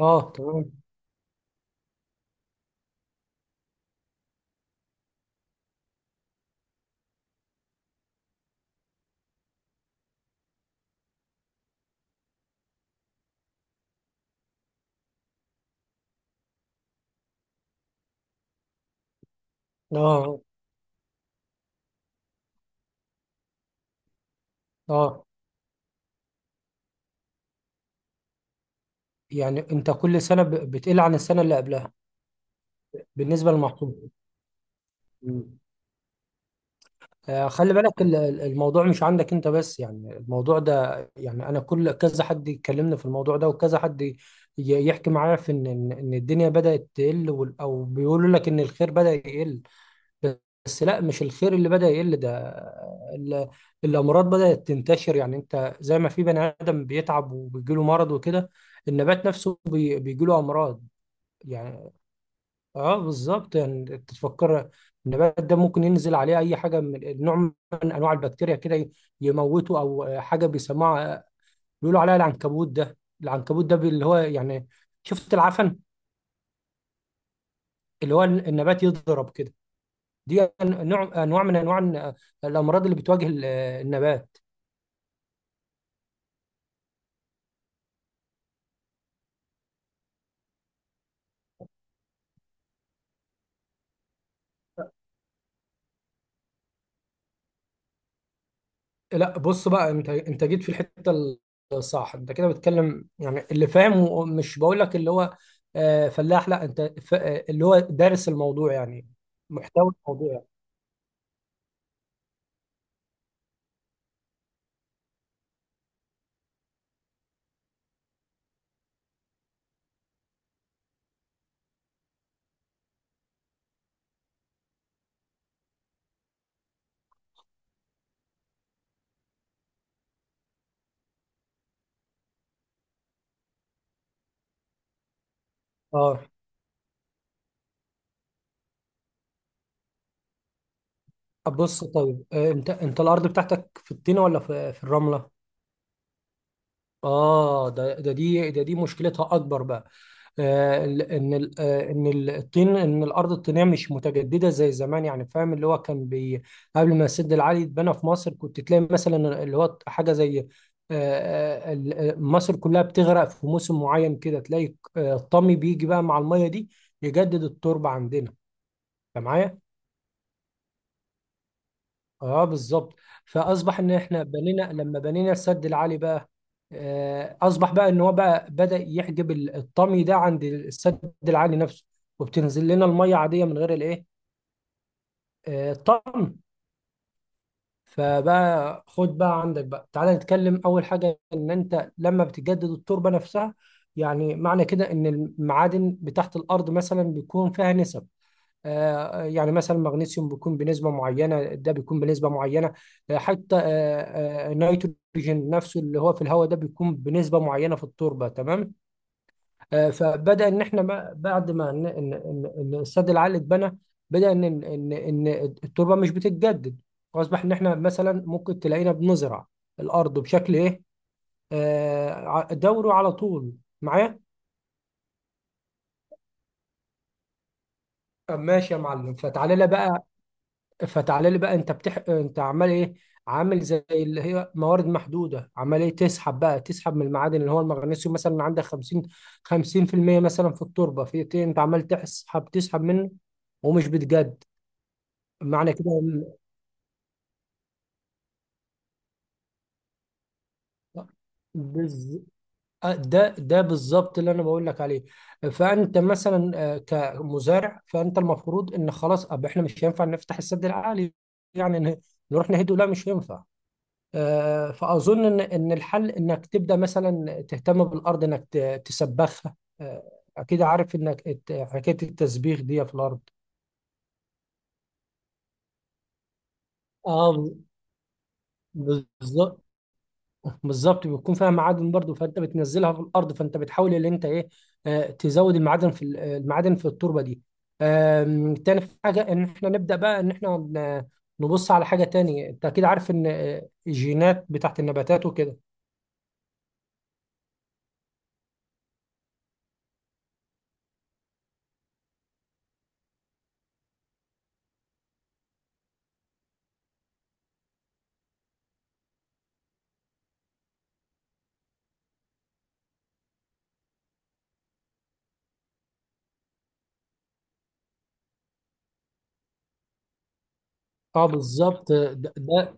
اه، تمام. اه. اه. يعني انت كل سنه بتقل عن السنه اللي قبلها بالنسبه للمحصول. مم. خلي بالك، الموضوع مش عندك انت بس، يعني الموضوع ده يعني انا كل كذا حد يكلمني في الموضوع ده، وكذا حد يحكي معايا في ان ان إن الدنيا بدأت تقل، او بيقولوا لك ان الخير بدأ يقل. بس لا، مش الخير اللي بدأ يقل ده، ال- الأمراض بدأت تنتشر. يعني أنت زي ما في بني آدم بيتعب وبيجيله مرض وكده، النبات نفسه بيجيله أمراض يعني. اه، بالظبط. يعني تتفكر النبات ده ممكن ينزل عليه أي حاجة من نوع من أنواع البكتيريا كده يموته، أو حاجة بيسموها، بيقولوا عليها العنكبوت. ده العنكبوت ده اللي هو يعني شفت العفن، اللي هو النبات يضرب كده. دي نوع انواع من انواع الامراض اللي بتواجه النبات. لا، بص بقى، انت جيت في الحته الصح. انت كده بتتكلم يعني اللي فاهم، ومش بقول لك اللي هو فلاح، لا، انت اللي هو دارس الموضوع يعني، محتوى الموضوع يعني. اه، بص طيب، انت الارض بتاعتك في الطينه ولا في الرمله؟ اه، ده ده دي ده دي مشكلتها اكبر بقى. آه، ال- ان ال- آه، ان الطين ان الارض الطينيه مش متجدده زي زمان، يعني فاهم؟ اللي هو كان بي قبل ما السد العالي يتبنى في مصر كنت تلاقي مثلا، اللي هو حاجه زي مصر كلها بتغرق في موسم معين، كده تلاقي الطمي بيجي بقى مع الميه دي يجدد التربه عندنا. انت معايا؟ اه، بالظبط. فاصبح ان احنا بنينا، لما بنينا السد العالي بقى اصبح بقى ان هو بقى بدأ يحجب الطمي ده عند السد العالي نفسه، وبتنزل لنا الميه عاديه من غير الايه، الطمي. فبقى خد بقى عندك بقى، تعالى نتكلم. اول حاجه، ان انت لما بتجدد التربه نفسها يعني، معنى كده ان المعادن بتاعت الارض مثلا بيكون فيها نسب، يعني مثلا مغنيسيوم بيكون بنسبة معينة، ده بيكون بنسبة معينة، حتى النيتروجين نفسه اللي هو في الهواء ده بيكون بنسبة معينة في التربة، تمام. فبدأ إن إحنا بعد ما إن السد العالي اتبنى، بدأ إن التربة مش بتتجدد. فأصبح إن إحنا مثلا ممكن تلاقينا بنزرع الأرض بشكل إيه؟ دوري على طول، معايا؟ طب ماشي يا معلم، فتعالى لي بقى، انت عمال ايه؟ عامل زي اللي هي موارد محدوده، عمال ايه تسحب بقى، تسحب من المعادن، اللي هو المغنيسيوم مثلا عندك 50، 50% مثلا في التربه في إيه؟ انت عمال تسحب منه، ومش بتجد. معنى كده إن- بز... آه، ده بالظبط اللي انا بقول لك عليه. فانت مثلا كمزارع، فانت المفروض ان خلاص احنا مش هينفع نفتح السد العالي يعني، نروح نهده، لا مش هينفع. فأظن إن الحل إنك تبدأ مثلا تهتم بالأرض، إنك تسبخها. آه، أكيد عارف إنك حكاية التسبيخ دي في الأرض. اه، بالظبط، بالظبط، بيكون فيها معادن برضو، فأنت بتنزلها في الأرض، فأنت بتحاول إن أنت إيه، تزود المعادن في المعادن في التربة دي. تاني حاجة، إن إحنا نبدأ بقى إن إحنا نبص على حاجة تانية. أنت أكيد عارف إن الجينات بتاعت النباتات وكده. اه، بالظبط ده،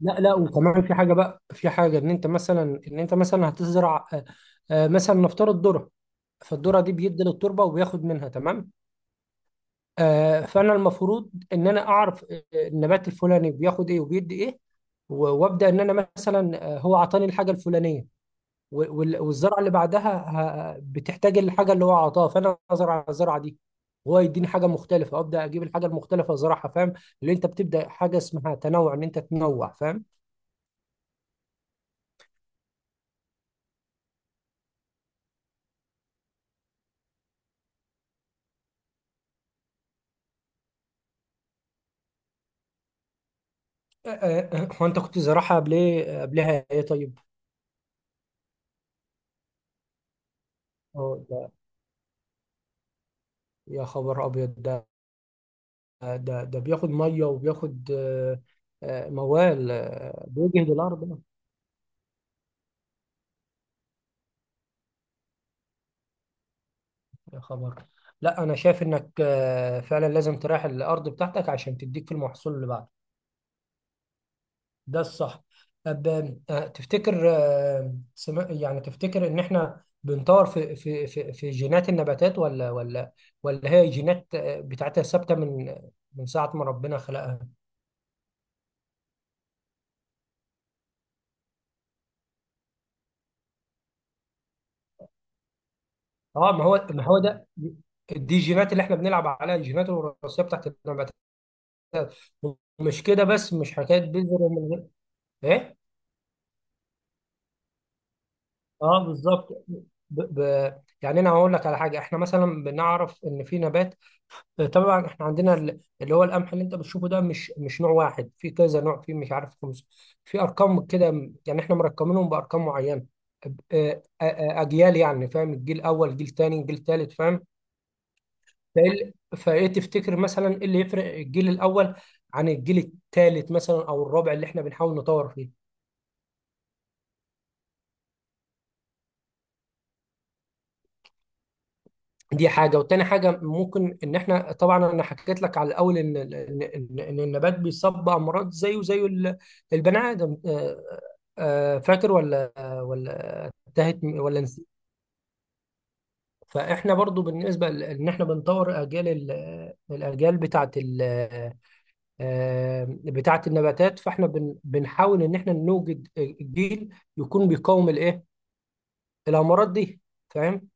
لا لا، وكمان في حاجه بقى، في حاجه ان انت مثلا هتزرع مثلا نفترض ذره. فالذره دي بيدي للتربه وبياخد منها، تمام. فانا المفروض ان انا اعرف النبات الفلاني بياخد ايه وبيدي ايه، وابدا ان انا مثلا هو عطاني الحاجه الفلانيه، والزرعه اللي بعدها بتحتاج الحاجه اللي هو عطاها، فانا ازرع الزرعه دي وهو يديني حاجه مختلفه، ابدا اجيب الحاجه المختلفه ازرعها، فاهم؟ اللي انت بتبدا حاجه اسمها تنوع، ان انت تنوع، فاهم؟ آه، آه، أه. هو انت كنت زراعة قبل ايه، قبلها ايه طيب؟ اه، ده يا خبر ابيض ده ده بياخد ميه وبياخد موال بيجهد الارض ده. يا خبر. لا، انا شايف انك فعلا لازم تريح الارض بتاعتك عشان تديك في المحصول اللي بعده. ده الصح. طب تفتكر يعني تفتكر ان احنا بنطور في جينات النباتات، ولا ولا هي جينات بتاعتها ثابته من ساعه ما ربنا خلقها؟ اه، ما هو دي الجينات اللي احنا بنلعب عليها، الجينات الوراثيه بتاعت النباتات، مش كده بس، مش حكايه بذر ومن غير ايه. اه، بالظبط. يعني انا هقول لك على حاجه. احنا مثلا بنعرف ان في نبات، طبعا احنا عندنا اللي هو القمح اللي انت بتشوفه ده، مش نوع واحد، في كذا نوع، في مش عارف خمس، في ارقام كده، يعني احنا مرقمينهم بارقام معينه، اجيال يعني، فاهم؟ الجيل الاول، جيل تاني، جيل تالت، فاهم؟ فإيه تفتكر مثلا إيه اللي يفرق الجيل الأول عن الجيل الثالث مثلا، أو الرابع اللي إحنا بنحاول نطور فيه؟ دي حاجة، والتاني حاجة ممكن إن إحنا، طبعا أنا حكيت لك على الأول إن النبات بيصاب بأمراض زيه زي البني آدم، فاكر ولا انتهت ولا نسيت؟ فإحنا برضو بالنسبة إن إحنا بنطور أجيال الأجيال بتاعت آه، بتاعة النباتات، فاحنا بنحاول ان احنا نوجد جيل يكون بيقاوم الايه، الامراض دي، فاهم؟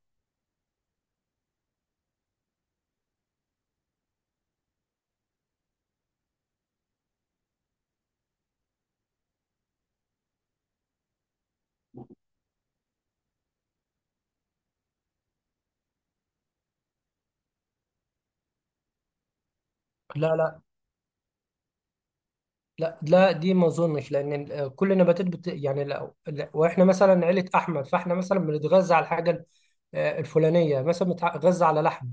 لا لا لا لا، دي ما اظنش، لان كل النباتات بت... يعني لا... لا... واحنا مثلا عيلة احمد، فاحنا مثلا بنتغذى على الحاجة الفلانية مثلا، بنتغذى على لحم،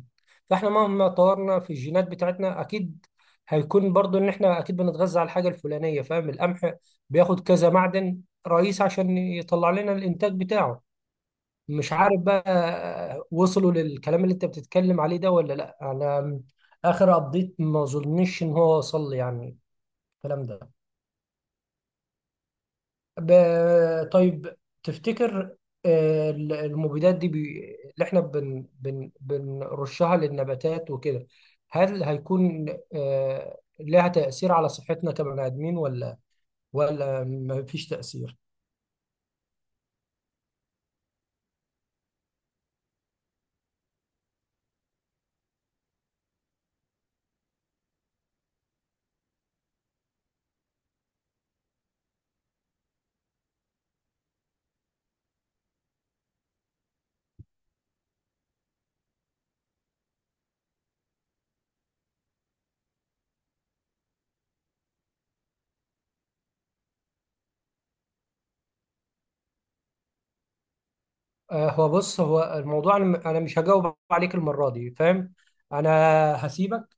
فاحنا مهما طورنا في الجينات بتاعتنا اكيد هيكون برضو ان احنا اكيد بنتغذى على الحاجة الفلانية، فاهم؟ القمح بياخد كذا معدن رئيس عشان يطلع لنا الانتاج بتاعه. مش عارف بقى وصلوا للكلام اللي انت بتتكلم عليه ده ولا لا، انا اخر ابديت ما اظنش ان هو وصل لي يعني، الكلام ده. طيب، تفتكر المبيدات دي اللي احنا بنرشها للنباتات وكده، هل هيكون لها تأثير على صحتنا كبني آدمين، ولا ما فيش تأثير؟ هو بص، هو الموضوع أنا مش هجاوب عليك المرة دي، فاهم؟ انا هسيبك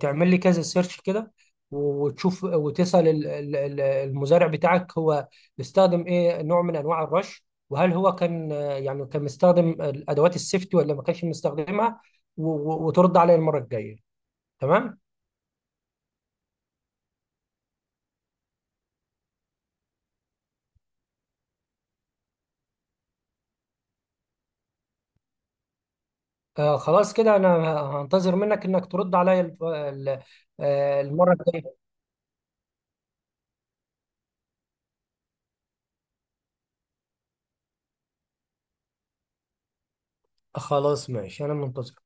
تعمل لي كذا سيرش كده، وتشوف، وتسأل المزارع بتاعك، هو بيستخدم ايه نوع من انواع الرش، وهل هو كان يعني كان مستخدم ادوات السيفتي ولا ما كانش مستخدمها، وترد عليا المرة الجاية، تمام؟ خلاص كده، انا هنتظر منك انك ترد عليا المرة الجاية. خلاص ماشي، انا منتظر.